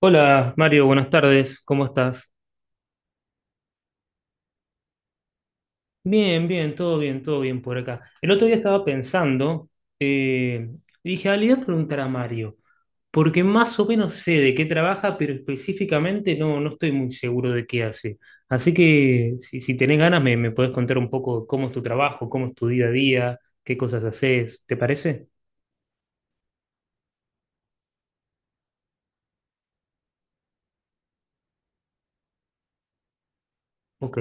Hola Mario, buenas tardes, ¿cómo estás? Bien, bien, todo bien, todo bien por acá. El otro día estaba pensando, eh, dije, ah, le voy a preguntar a Mario, porque más o menos sé de qué trabaja, pero específicamente no, no estoy muy seguro de qué hace. Así que si tenés ganas, me podés contar un poco cómo es tu trabajo, cómo es tu día a día, qué cosas haces, ¿te parece? Ok,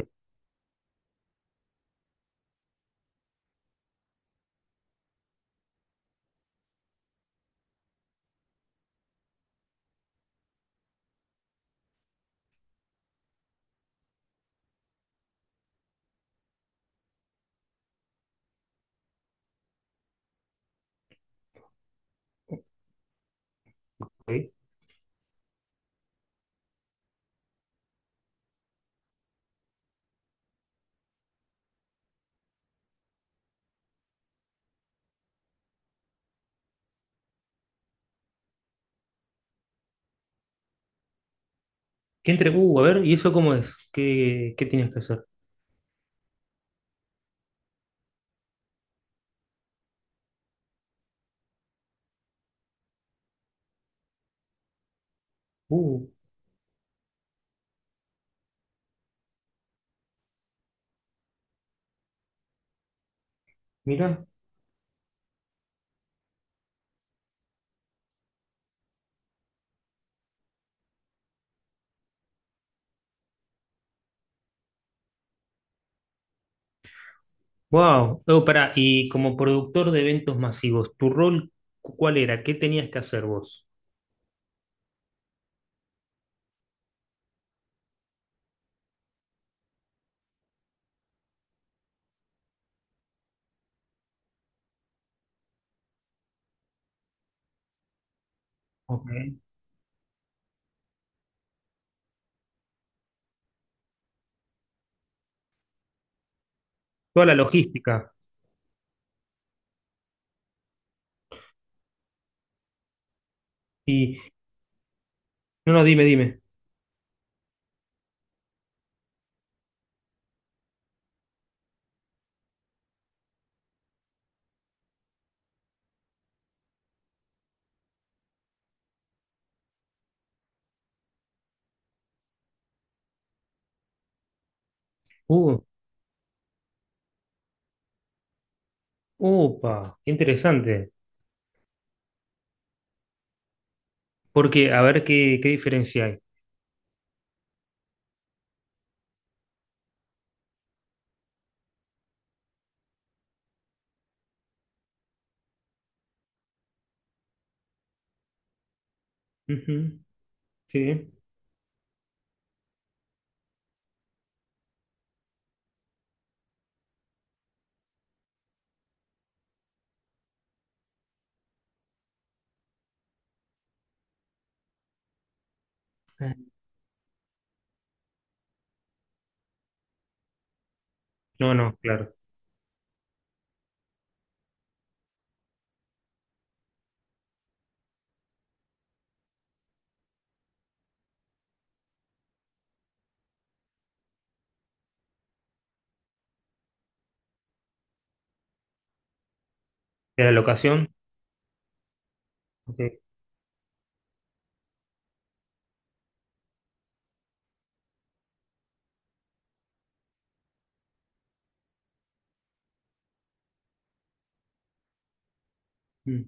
ok. ¿Qué entre? A ver, ¿y eso cómo es? ¿ qué tienes que hacer? Uh, mira. Wow, oh, pará, y como productor de eventos masivos, ¿tu rol cuál era? ¿Qué tenías que hacer vos? Ok. Toda la logística. Y no, no, dime, dime. Uh, upa, qué interesante. Porque, a ver qué diferencia hay. Ujú, sí. Ah, no, no, claro. ¿De la locación? Ok. Mm,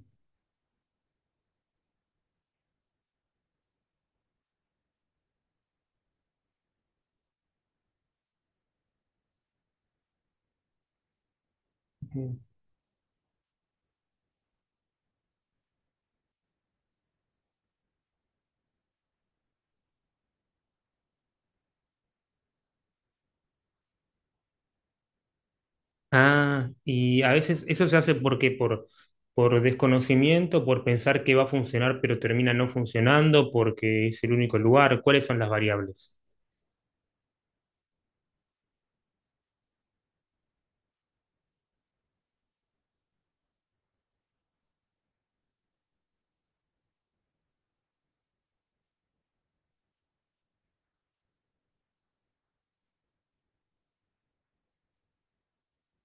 ok. Ah, y a veces eso se hace por desconocimiento, por pensar que va a funcionar, pero termina no funcionando, porque es el único lugar. ¿Cuáles son las variables?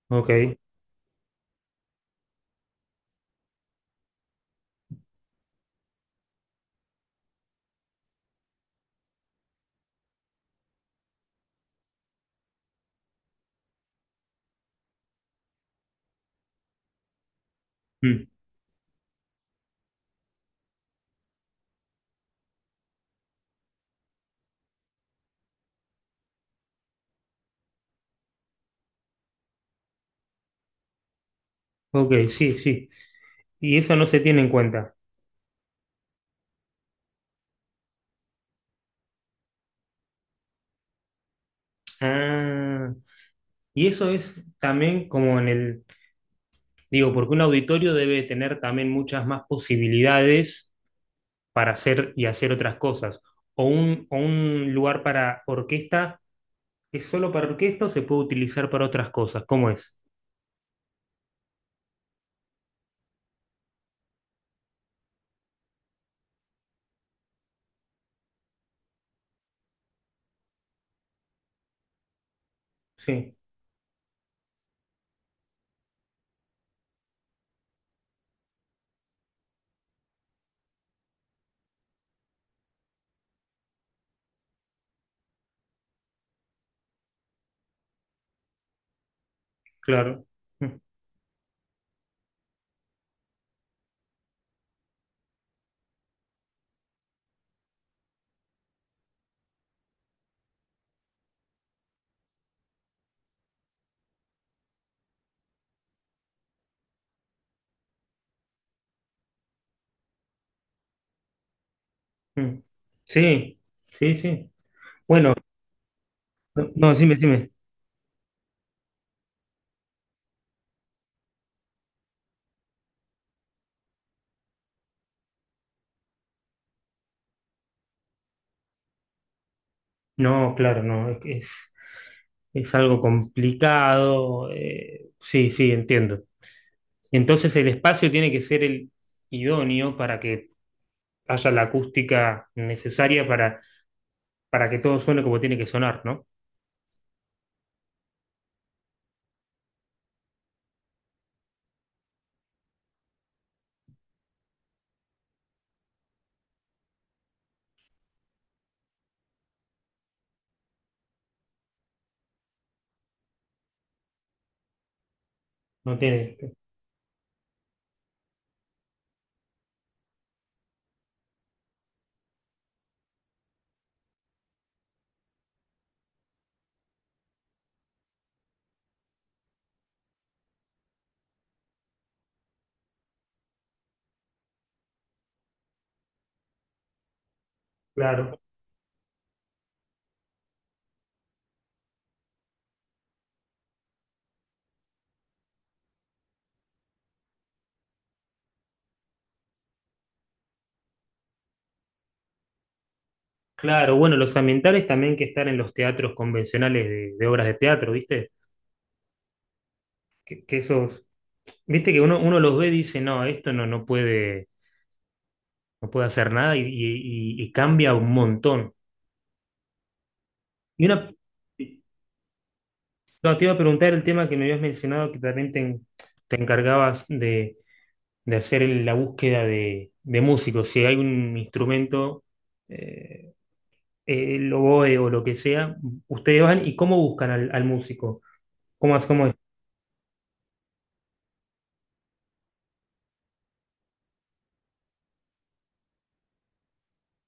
Ok, mm, ok, sí, sí. Y eso no se tiene en cuenta. Ah, y eso es también como en digo, porque un auditorio debe tener también muchas más posibilidades para hacer y hacer otras cosas. O un lugar para orquesta es solo para orquesta o se puede utilizar para otras cosas. ¿Cómo es? Sí, claro. Mm, mm. Sí, sí, sí. Bueno, no, no, decime, decime. No, claro, no, es algo complicado. Sí, sí, entiendo. Entonces el espacio tiene que ser el idóneo para que haya la acústica necesaria para que todo suene como tiene que sonar, ¿no? No tiene, claro. Claro, bueno, los ambientales también que están en los teatros convencionales de obras de teatro, ¿viste? Que esos, viste que uno los ve y dice, no, esto no puede, no puede hacer nada y cambia un montón. Y una no, te iba a preguntar el tema que me habías mencionado, que también te encargabas de hacer la búsqueda de músicos. Si hay un instrumento, eh, el oboe o lo que sea, ustedes van y cómo buscan al músico. ¿Cómo es? ¿Cómo es?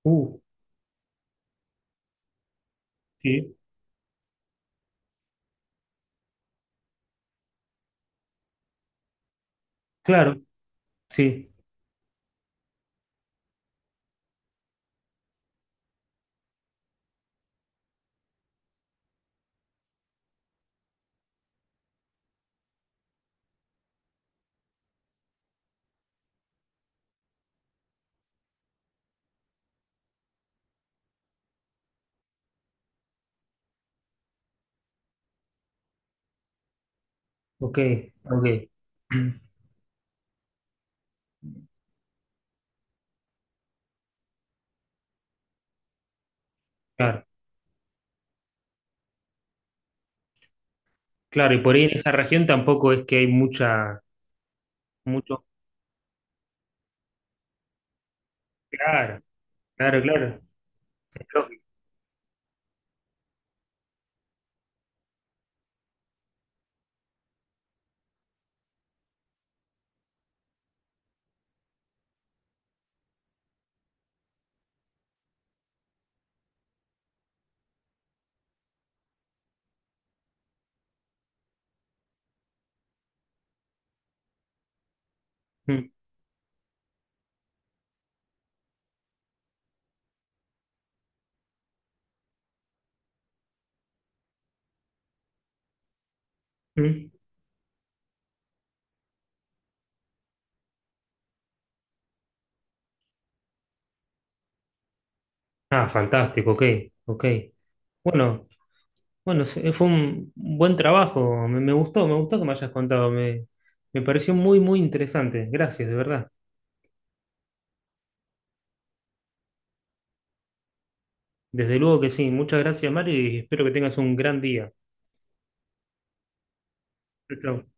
Uh, sí, claro, sí, ok, ok. Claro, claro, y por ahí en esa región tampoco es que hay mucha, mucho. Claro, claro, claro. Es lógico. Mm, mm. Ah, fantástico, ok, ok. Bueno. Bueno, fue un buen trabajo, me gustó que me hayas contado, me pareció muy, muy interesante. Gracias, de verdad. Desde luego que sí, muchas gracias, Mario, y espero que tengas un gran día. Chau, chau.